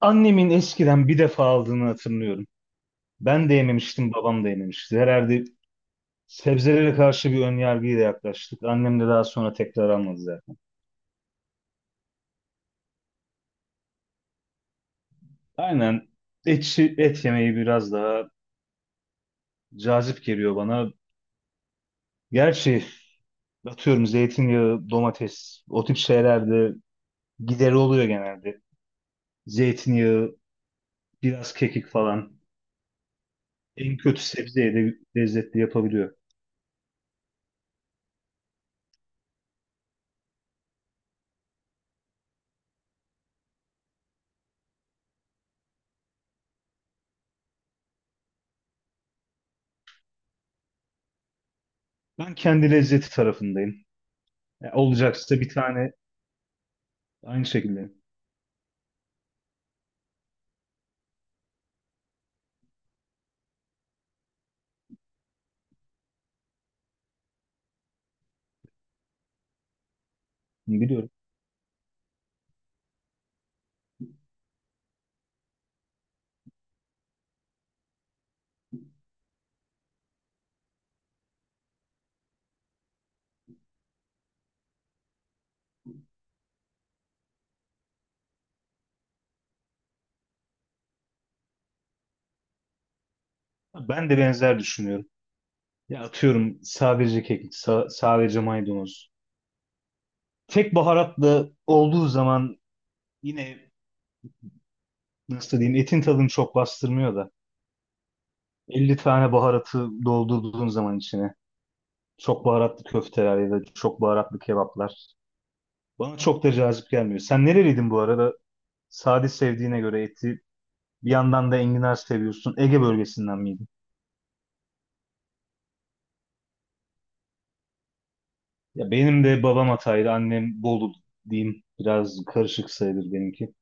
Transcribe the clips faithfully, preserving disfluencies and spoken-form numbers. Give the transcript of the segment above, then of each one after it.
Annemin eskiden bir defa aldığını hatırlıyorum. Ben de yememiştim, babam da yememişti. Herhalde sebzelere karşı bir önyargıyla yaklaştık. Annem de daha sonra tekrar almadı zaten. Aynen, et, et yemeği biraz daha cazip geliyor bana. Gerçi atıyorum zeytinyağı, domates, o tip şeylerde gideri oluyor genelde. Zeytinyağı, biraz kekik falan. En kötü sebzeyi de lezzetli yapabiliyor. Ben kendi lezzeti tarafındayım. Ya olacaksa bir tane aynı şekilde. Biliyorum. Ben de benzer düşünüyorum. Ya atıyorum sadece kekik, sa- sadece maydanoz. Tek baharatlı olduğu zaman yine nasıl diyeyim etin tadını çok bastırmıyor da elli tane baharatı doldurduğun zaman içine çok baharatlı köfteler ya da çok baharatlı kebaplar bana çok da cazip gelmiyor. Sen nereliydin bu arada? Sade sevdiğine göre eti bir yandan da enginar seviyorsun. Ege bölgesinden miydin? Ya benim de babam Hataylı, annem Bolu diyeyim. Biraz karışık sayılır benimki.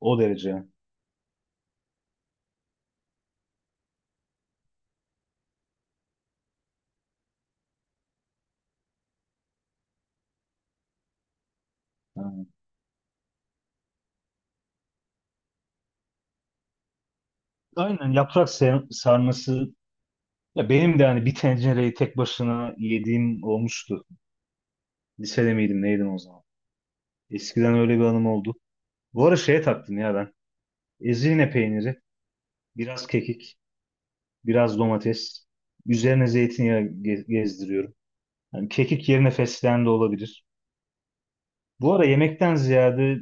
O derece, yani. Ha. Aynen yaprak ser- sarması, ya benim de hani bir tencereyi tek başına yediğim olmuştu. Lisede miydim neydim o zaman. Eskiden öyle bir anım oldu. Bu ara şeye taktım ya ben. Ezine peyniri, biraz kekik, biraz domates. Üzerine zeytinyağı ge- gezdiriyorum. Yani kekik yerine fesleğen de olabilir. Bu ara yemekten ziyade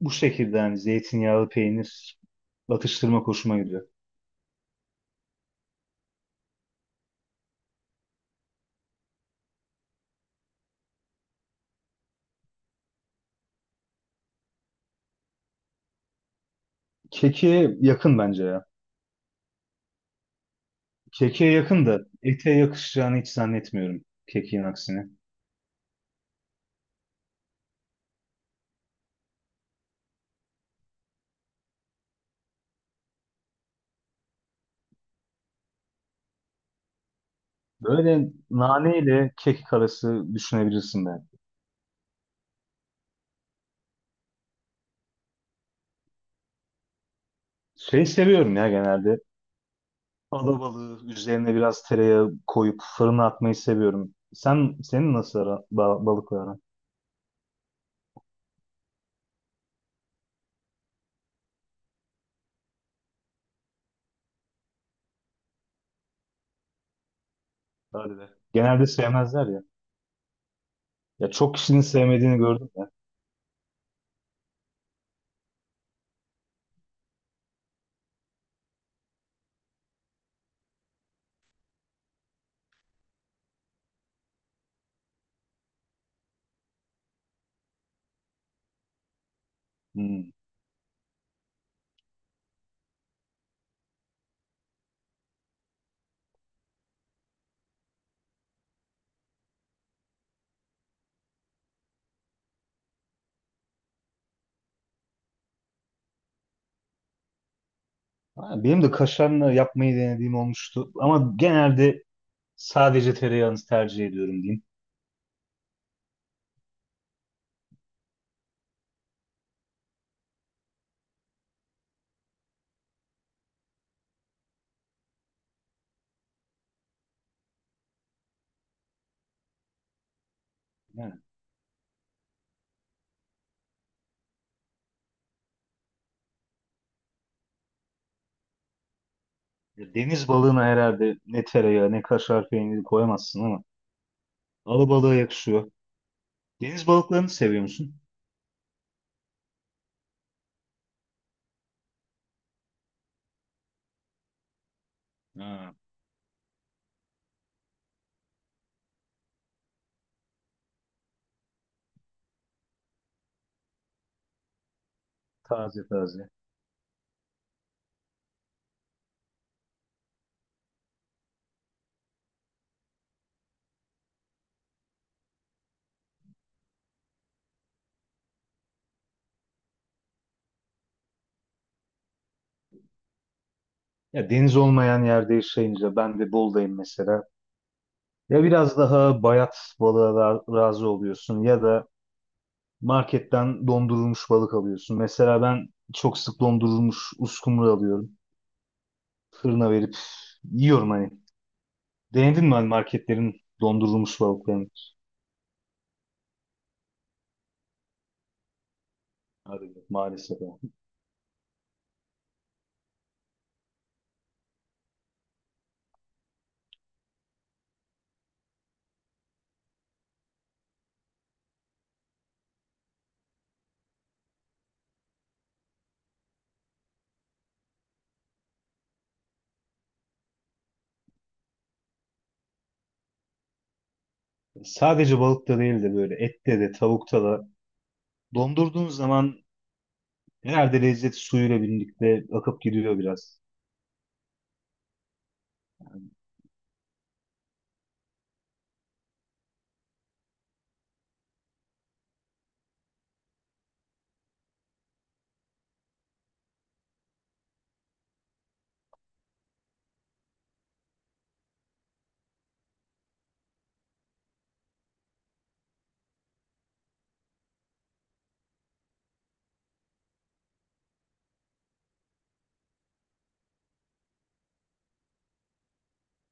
bu şekilde hani zeytinyağlı peynir atıştırma hoşuma gidiyor. Keki yakın bence ya. Keke yakın da ete yakışacağını hiç zannetmiyorum kekin aksine. Böyle nane ile kekik arası düşünebilirsin ben. Şey seviyorum ya genelde. Alabalığı üzerine biraz tereyağı koyup fırına atmayı seviyorum. Sen senin nasıl ara, ba- balıkla aran? Hadi be. Genelde sevmezler ya. Ya çok kişinin sevmediğini gördüm ya. Hmm. Ha, benim de kaşarla yapmayı denediğim olmuştu. Ama genelde sadece tereyağını tercih ediyorum diyeyim. Yani, ya deniz balığına herhalde ne tereyağı ne kaşar peyniri koyamazsın ama alabalığa yakışıyor. Deniz balıklarını seviyor musun? Ha. Taze taze. Ya deniz olmayan yerde yaşayınca ben de Bolu'dayım mesela. Ya biraz daha bayat balığa ra- razı oluyorsun ya da marketten dondurulmuş balık alıyorsun. Mesela ben çok sık dondurulmuş uskumru alıyorum. Fırına verip yiyorum hani. Denedin mi hani marketlerin dondurulmuş balıklarını? Hadi be, maalesef. Sadece balıkta değil de böyle ette de tavukta da dondurduğunuz zaman herhalde lezzet suyuyla birlikte akıp gidiyor biraz.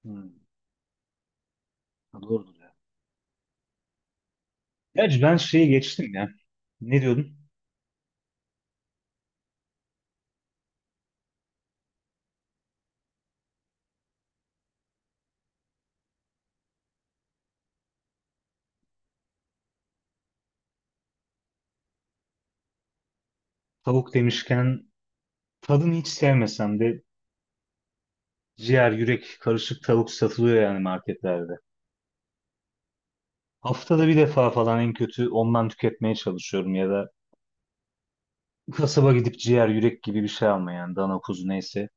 Hmm. Ha, doğrudur ya. Gerçi ben şeyi geçtim ya. Ne diyordun? Tavuk demişken tadını hiç sevmesem de ciğer, yürek, karışık tavuk satılıyor yani marketlerde. Haftada bir defa falan en kötü ondan tüketmeye çalışıyorum ya da kasaba gidip ciğer, yürek gibi bir şey almaya yani, dana kuzu neyse.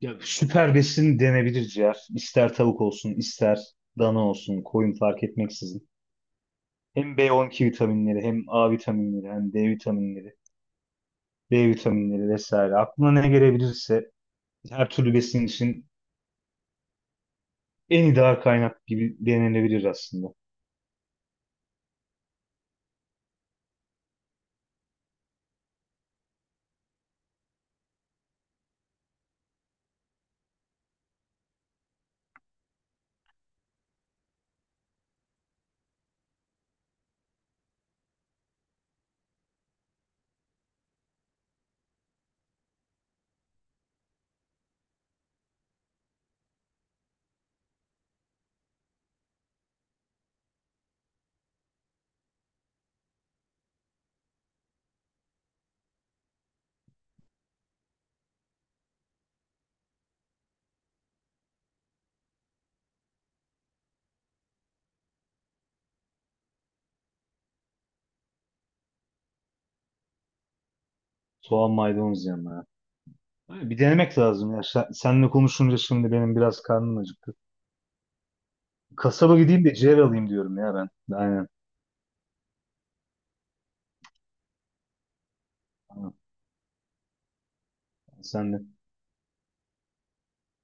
Ya süper besin denebilir ciğer. İster tavuk olsun, ister dana olsun, koyun fark etmeksizin. Hem be on iki vitaminleri, hem A vitaminleri, hem de vitaminleri, be vitaminleri vesaire. Aklına ne gelebilirse her türlü besin için en ideal kaynak gibi denenebilir aslında. Soğan maydanoz yanına. Ha, bir denemek lazım ya. Sen, seninle konuşunca şimdi benim biraz karnım acıktı. Kasaba gideyim de ciğer alayım diyorum ya ben. Aynen. Aynen. Sen de.